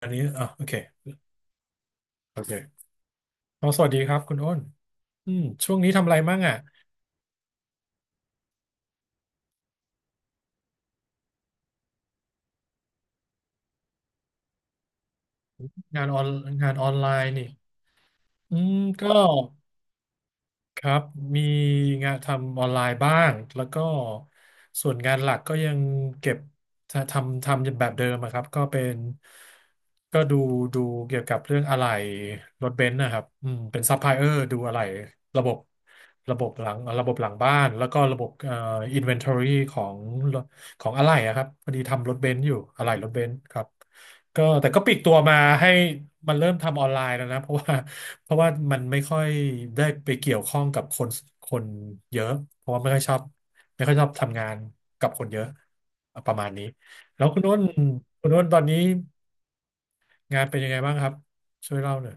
อันนี้อ๋อโอเคโอเคอ๋อสวัสดีครับคุณอ้นช่วงนี้ทำอะไรมั่งอ่ะงานออนงานออนไลน์นี่อืมก็ ครับมีงานทำออนไลน์บ้างแล้วก็ส่วนงานหลักก็ยังเก็บทำแบบเดิมอะครับก็เป็นก็ดูเกี่ยวกับเรื่องอะไหล่รถเบนซ์นะครับอืมเป็นซัพพลายเออร์ดูอะไหล่ระบบระบบหลังบ้านแล้วก็ระบบอินเวนทอรี่ของของอะไหล่อะครับพอดีทำรถเบนซ์อยู่อะไหล่รถเบนซ์ครับก็แต่ก็ปลีกตัวมาให้มันเริ่มทำออนไลน์แล้วนะเพราะว่ามันไม่ค่อยได้ไปเกี่ยวข้องกับคนเยอะเพราะว่าไม่ค่อยชอบไม่ค่อยชอบทำงานกับคนเยอะประมาณนี้แล้วคุณนุ่นคุณนุ้นตอนนี้งานเป็นยังไงบ้างครับช่วยเล่าหน่อย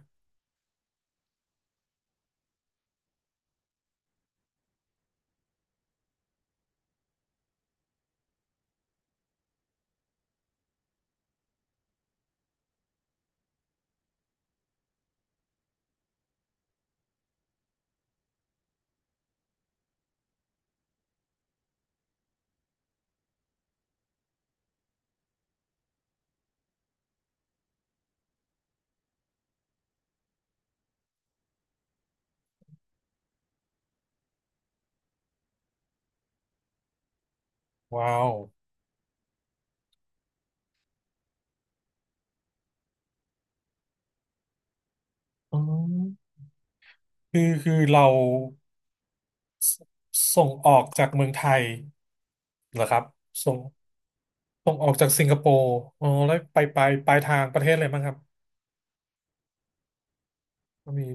ว้าวอ๋อคือเราสส่งออกจากเมืองไทยเหรอครับส่งส่งออกจากสิงคโปร์อ๋อแล้วไปปลายทางประเทศอะไรบ้างครับก็มี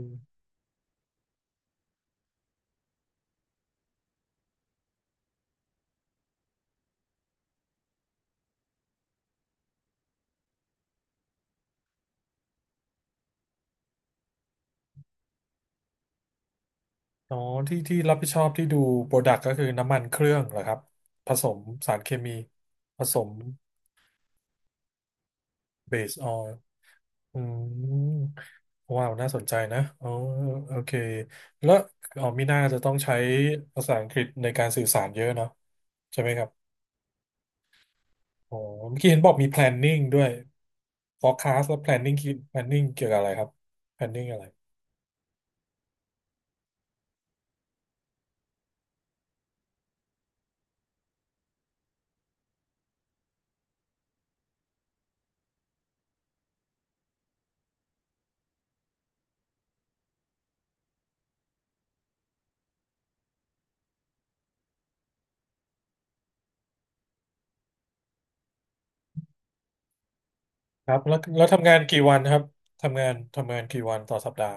อ๋อที่รับผิดชอบที่ดูโปรดักต์ก็คือน้ำมันเครื่องเหรอครับผสมสารเคมีผสมเบสออยล์อืมว้าวน่าสนใจนะอ๋อโอเคแล้วอ๋อมีน่าจะต้องใช้ภาษาอังกฤษในการสื่อสารเยอะเนาะใช่ไหมครับอ๋อเมื่อกี้เห็นบอกมี planning ด้วย forecast และ planning คือ planning เกี่ยวกับอะไรครับ planning อะไรครับแล้วทำงานกี่วันครับทำงานกี่วันต่อสัปดาห์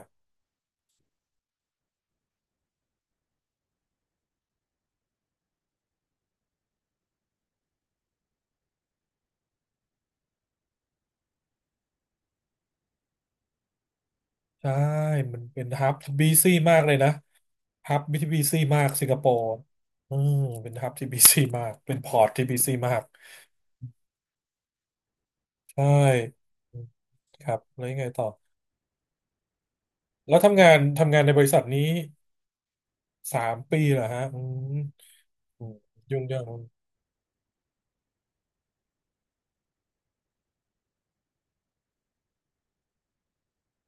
ใช่มันเป็นฮับบีซี่มากเลยนะฮับที่บีซี่มากสิงคโปร์อืมเป็นฮับที่บีซี่มาก เป็นพอร์ตที่บีซี่มาก ใช่อืมครับแล้วยังไงต่อ แล้วทำงานในบริษัทนี้สามปีเหรอฮะอืมอืมยุ่งยากมั้ง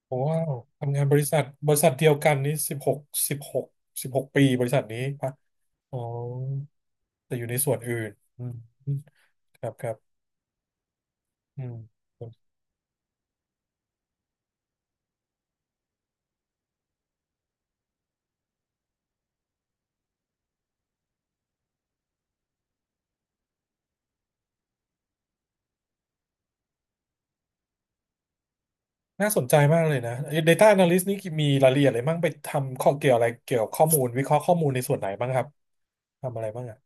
โอ้ว้าวทำงานบริษัท บริษัทเดียวกันนี้สิบหกสิบหกปีบริษัทนี้ปะอ๋อแต่อยู่ในส่วนอื่นอืมครับครับอืม น่าสนใจมากเลยนะ Data Analyst นี่มีรายละเอียดอะไรบ้างไปทำข้อเกี่ยวอะไรเกี่ยวกับข้อมูลวิเคราะห์ข้อมูลในส่วนไหนบ้างครับทำอะไรบ้างอ่ะ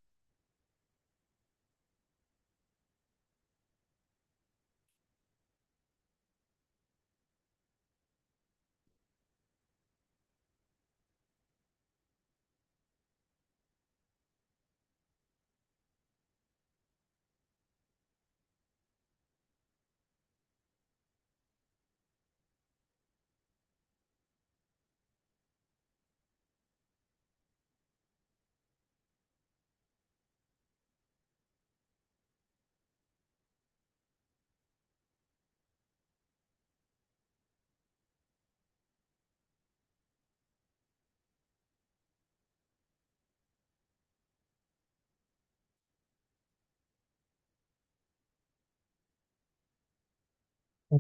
โอ้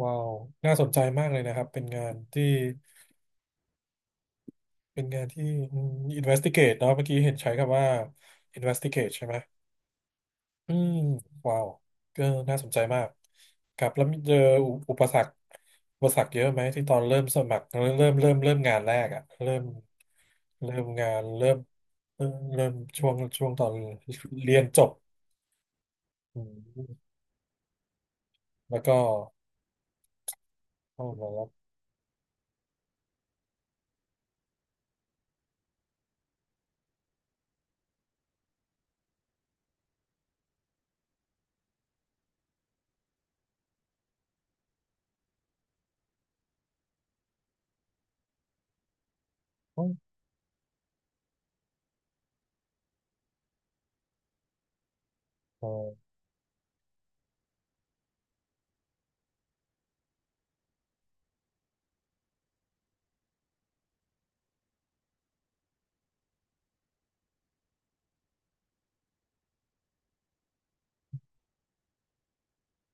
ว้าวน่าสนใจมากเลยนะครับเป็นงานที่อืม investigate เนอะเมื่อกี้เห็นใช้คำว่า investigate ใช่ไหม อืมว้าวก็น่าสนใจมากครับแล้วมีเจออุปสรรคอุปสรรคเยอะไหมที่ตอนเริ่มสมัครเริ่มงานแรกอะเริ่มเริ่มงานเริ่มเริ่มเริ่มช่วงช่วงตอนเรียนจบอืมแล้วก็เข้ามาแล้วเออเออ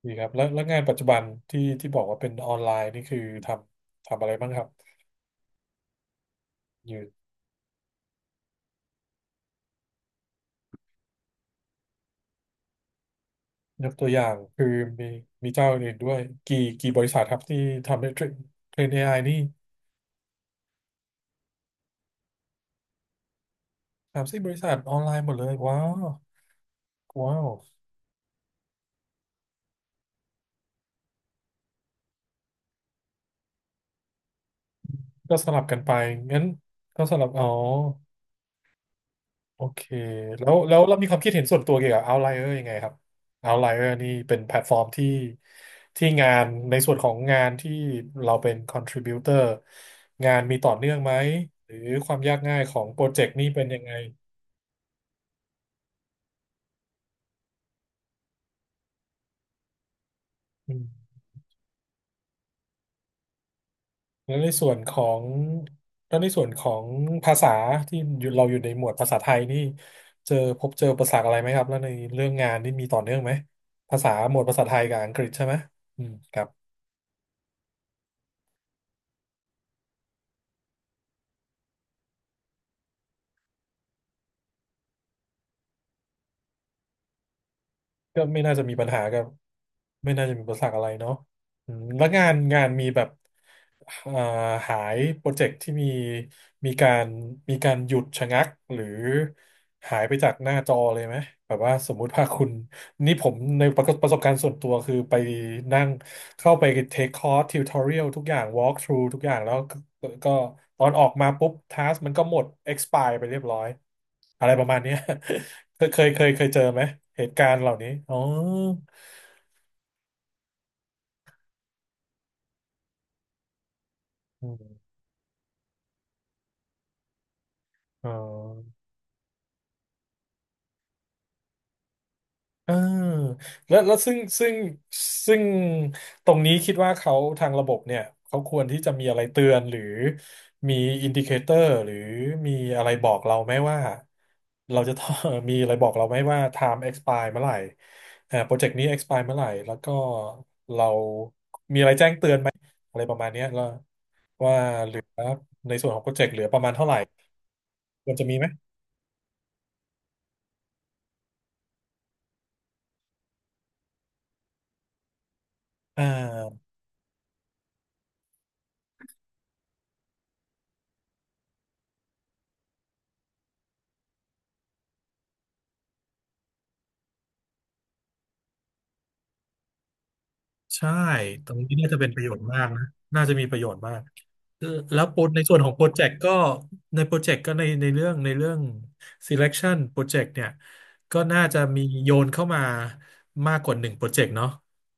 ดีครับแล้วงานปัจจุบันที่ที่บอกว่าเป็นออนไลน์นี่คือททำอะไรบ้างครับอยู่ยกตัวอย่างคือมีมีเจ้าอื่นด้วยกี่บริษัทครับที่ทำให้เทรนเทรน AI นี่ สามสิบบริษัทออนไลน์หมดเลยว้าวว้าวก็สลับกันไปงั้นก็สลับอ๋อโอเคแล้วเรามีความคิดเห็นส่วนตัวเกี่ยวกับ Outlier ยังไงครับ Outlier นี่เป็นแพลตฟอร์มที่ที่งานในส่วนของงานที่เราเป็น contributor งานมีต่อเนื่องไหมหรือความยากง่ายของโปรเจกต์นี่เป็นยังไง แล้วในส่วนของแล้วในส่วนของภาษาที่อยู่เราอยู่ในหมวดภาษาไทยนี่เจอพบเจออุปสรรคอะไรไหมครับแล้วในเรื่องงานนี่มีต่อเนื่องไหมภาษาหมวดภาษาไทยกับอังกฤษใช่ไหมอืมครับ ก็ไม่น่าจะมีปัญหากับไม่น่าจะมีอุปสรรคอะไรเนาะอืมแล้วงานงานมีแบบเอ่อหายโปรเจกต์ที่มีมีการมีการหยุดชะงักหรือหายไปจากหน้าจอเลยไหมแบบว่าสมมุติว่าคุณนี่ผมในประสบการณ์ส่วนตัวคือไปนั่งเข้าไปเทคคอร์สทิวทอเรียลทุกอย่างวอล์กทรูทุกอย่างแล้วก็ตอนออกมาปุ๊บทัสมันก็หมด expire ไปเรียบร้อย อะไรประมาณเนี้ย เคยเจอไหมเหตุการณ์เหล่านี้อ๋ออืมอ๋อเออแล้วแล้วซึ่งตรงนี้คิดว่าเขาทางระบบเนี่ยเขาควรที่จะมีอะไรเตือนหรือมีอินดิเคเตอร์หรือมีอะไรบอกเราไหมว่าเราจะต้อง มีอะไรบอกเราไหมว่า time expire เมื่อไหร่อ่าโปรเจกต์นี้ expire เมื่อไหร่แล้วก็เรามีอะไรแจ้งเตือนไหมอะไรประมาณเนี้ยแล้ว ว่าเหลือในส่วนของโปรเจกต์เหลือประมาณเท่าไหร่ควรจะมีไหมอ่า ใช่ตรงนี้น่าจะเป็นประโยชน์มากนะน่าจะมีประโยชน์มากแล้วโปรในส่วนของโปรเจกต์ก็ในโปรเจกต์ก็ในเรื่อง selection โปรเจกต์เนี่ยก็น่าจะมีโยนเข้ามามากกว่าหนึ่งโปรเจกต์เนาะ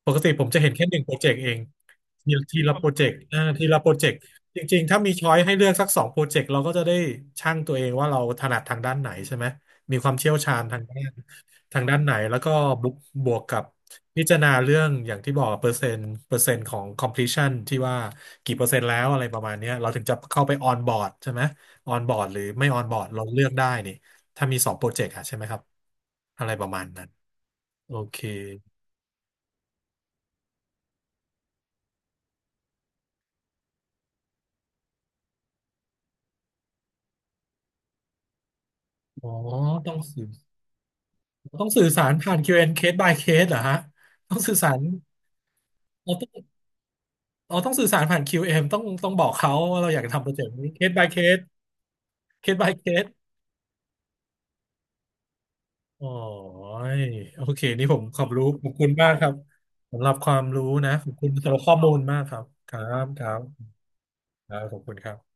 ปกติผมจะเห็นแค่หนึ่งโปรเจกต์เองทีละโปรเจกต์อ่าทีละโปรเจกต์จริงๆถ้ามีช้อยให้เลือกสักสองโปรเจกต์เราก็จะได้ชั่งตัวเองว่าเราถนัดทางด้านไหนใช่ไหมมีความเชี่ยวชาญทางด้านทางด้านไหนแล้วก็บวกบวกกับ พิจารณาเรื่องอย่างที่บอกเปอร์เซ็นต์ของ completion ที่ว่ากี่เปอร์เซ็นต์แล้วอะไรประมาณเนี้ยเราถึงจะเข้าไป on board ใช่ไหม on board หรือไม่ on board เราเลือกได้นี่ถ้ามีสองโปรเจกต์อะใช่ไหมครับอะไรประมาณนั้นโอเคอ๋อต้องสื่อต้องสื่อสารผ่าน q m case by case เหรอฮะต้องสื่อสารเราต้องเราต้องสื่อสารผ่าน QM ต้องบอกเขาว่าเราอยากจะทำโปรเจกต์นี้ case by case case by case โอ๋อโอเค นี่ผมขอบรู้ ขอบคุณมากครับสำหรับความรู้นะ ขอบคุณสำหรับข้อมูลมากครับ ครับ ครับครับขอบคุณครับ